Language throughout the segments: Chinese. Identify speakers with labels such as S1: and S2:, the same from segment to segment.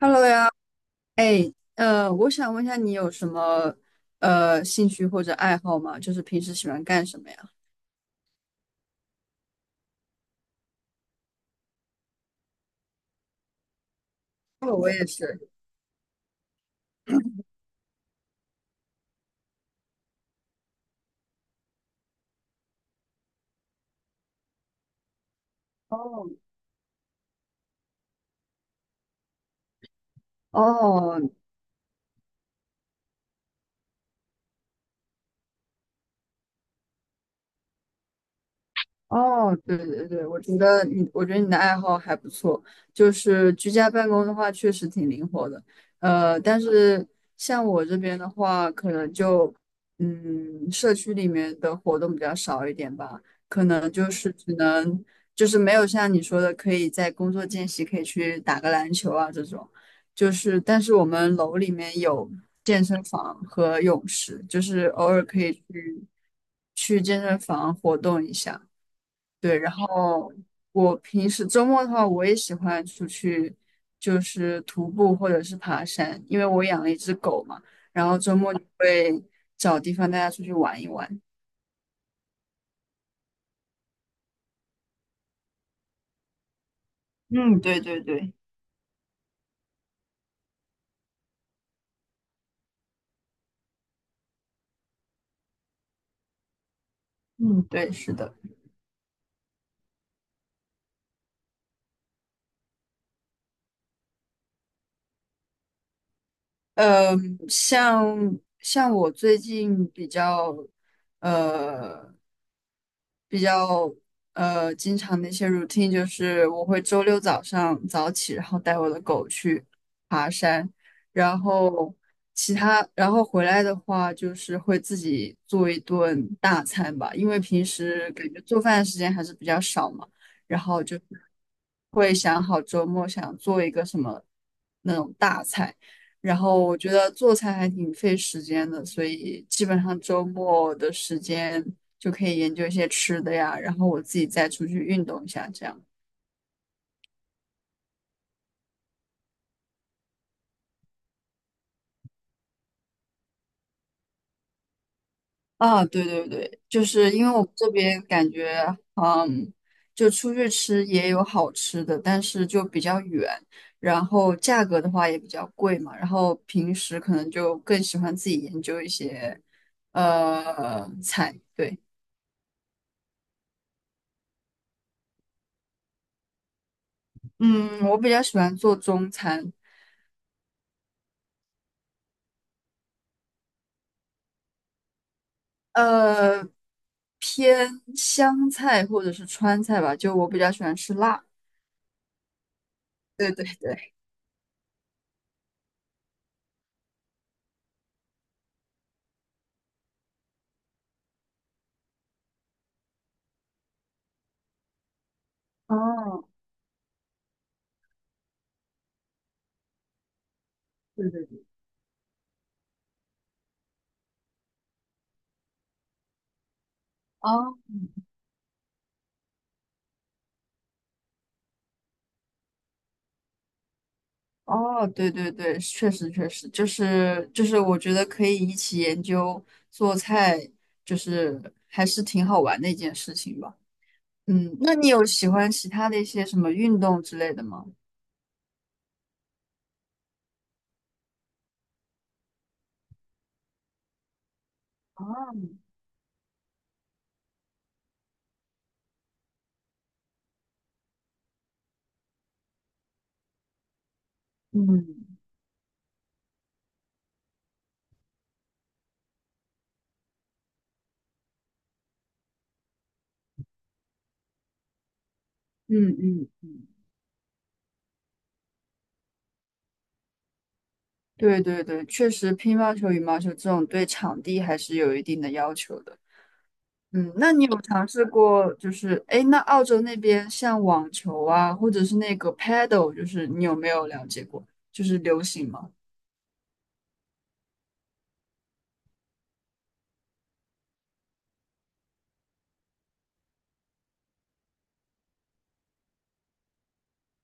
S1: Hello 呀。哎，我想问一下，你有什么兴趣或者爱好吗？就是平时喜欢干什么呀？哦，我也是。哦。哦。哦，对对对，我觉得你的爱好还不错，就是居家办公的话，确实挺灵活的。但是像我这边的话，可能就，嗯，社区里面的活动比较少一点吧，可能就是只能，就是没有像你说的，可以在工作间隙可以去打个篮球啊这种。就是，但是我们楼里面有健身房和泳池，就是偶尔可以去健身房活动一下。对，然后我平时周末的话，我也喜欢出去，就是徒步或者是爬山，因为我养了一只狗嘛，然后周末就会找地方带它出去玩一玩。嗯，对对对。嗯，对，是的。嗯，像我最近比较呃比较经常的一些 routine 就是我会周六早上早起，然后带我的狗去爬山，然后回来的话就是会自己做一顿大餐吧，因为平时感觉做饭的时间还是比较少嘛，然后就会想好周末想做一个什么那种大菜。然后我觉得做菜还挺费时间的，所以基本上周末的时间就可以研究一些吃的呀，然后我自己再出去运动一下，这样。啊，对对对，就是因为我们这边感觉，嗯，就出去吃也有好吃的，但是就比较远，然后价格的话也比较贵嘛，然后平时可能就更喜欢自己研究一些，呃，菜。对。嗯，我比较喜欢做中餐。呃，偏湘菜或者是川菜吧，就我比较喜欢吃辣。对对对。哦，对对对。哦。哦，对对对，确实确实，我觉得可以一起研究做菜，就是还是挺好玩的一件事情吧。嗯，那你有喜欢其他的一些什么运动之类的吗？啊，嗯嗯嗯嗯，对对对，确实乒乓球、羽毛球这种对场地还是有一定的要求的。嗯，那你有尝试过，就是哎，诶那澳洲那边像网球啊，或者是那个 paddle,就是你有没有了解过？就是流行吗？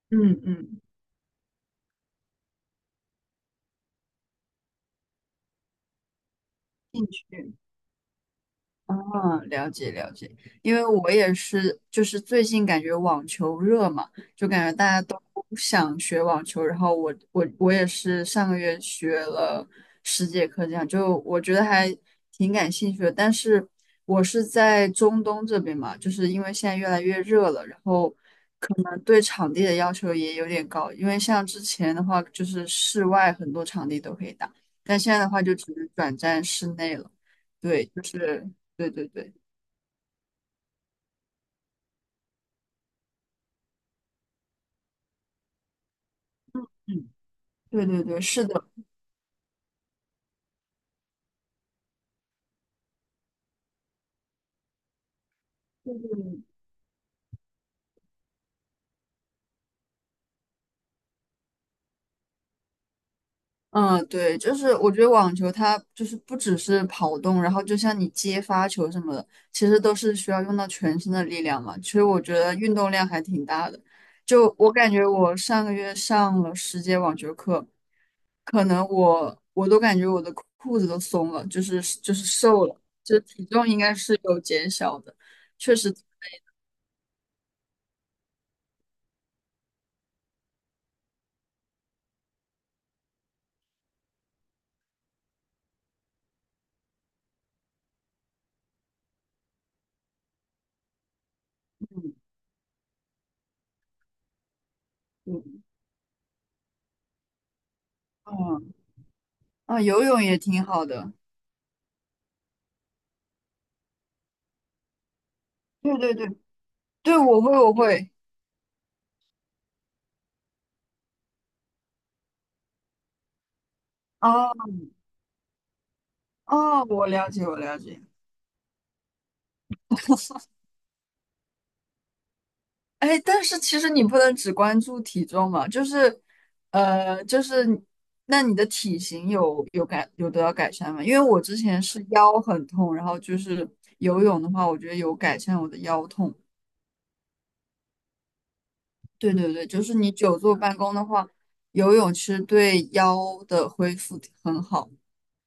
S1: 嗯嗯。兴趣。啊，了解了解，因为我也是，就是最近感觉网球热嘛，就感觉大家都想学网球，然后我也是上个月学了10节课，这样就我觉得还挺感兴趣的。但是我是在中东这边嘛，就是因为现在越来越热了，然后对场地的要求也有点高，因为像之前的话就是室外很多场地都可以打，但现在的话就只能转战室内了。对，对对对。嗯，对对对，是的，就是嗯，对，就是我觉得网球它就是不只是跑动，然后就像你接发球什么的，其实都是需要用到全身的力量嘛。其实我觉得运动量还挺大的。就我感觉，我上个月上了10节网球课，可能我都感觉我的裤子都松了，就是瘦了，就体重应该是有减小的，确实。嗯嗯嗯啊，游泳也挺好的。对对对对，我会我会。哦。哦，我了解，我了解。哎，但是其实你不能只关注体重嘛，就是，呃，就是你那你的体型有改得到改善吗？因为我之前是腰很痛，然后就是游泳的话，我觉得有改善我的腰痛。对对对，就是你久坐办公的话，游泳其实对腰的恢复很好。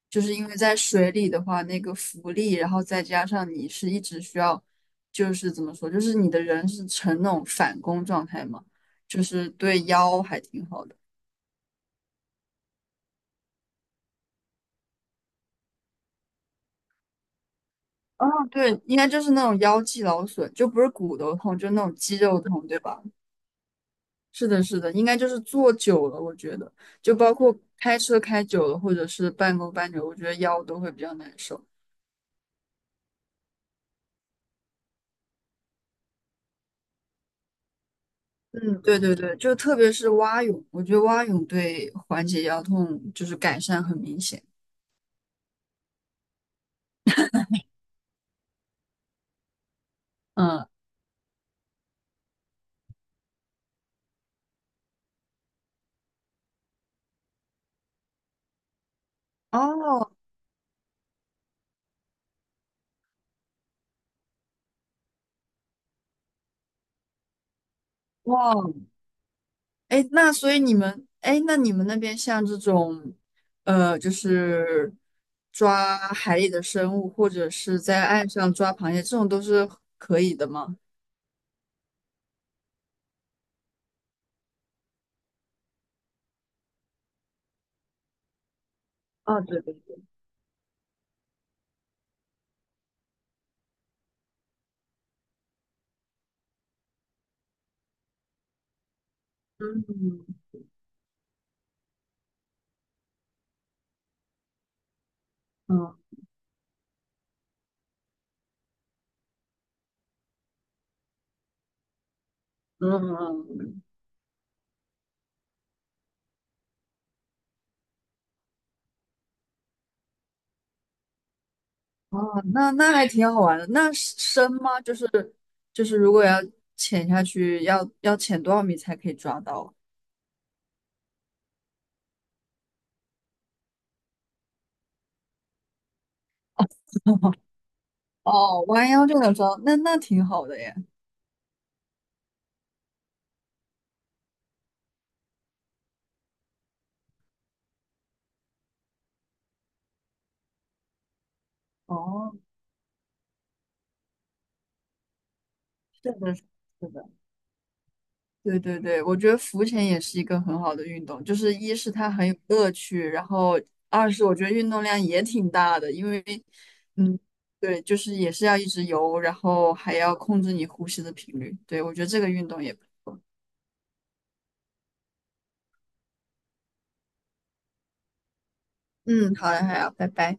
S1: 就是因为在水里的话，那个浮力，然后再加上你是一直需要，就是怎么说，就是你的人是呈那种反弓状态嘛，就是对腰还挺好的。哦，对，应该就是那种腰肌劳损，就不是骨头痛，就那种肌肉痛，对吧？是的，是的，应该就是坐久了，我觉得，就包括开车开久了，或者是半公半久，我觉得腰都会比较难受。嗯，对对对，就特别是蛙泳，我觉得蛙泳对缓解腰痛就是改善很明显。嗯。哦。哇，哎，那所以你们，哎，那你们那边像这种，呃，就是抓海里的生物，或者是在岸上抓螃蟹，这种都是可以的吗？哦，对对对。嗯嗯嗯。哦，那那还挺好玩的。那是深吗？如果要潜下去，要潜多少米才可以抓到？哦，弯腰就能抓到那那挺好的耶。哦，是的，是的。对对对，我觉得浮潜也是一个很好的运动，就是一是它很有乐趣，然后二是我觉得运动量也挺大的，因为，嗯，对，就是也是要一直游，然后还要控制你呼吸的频率。对，我觉得这个运动也，嗯，好的，好要，拜拜。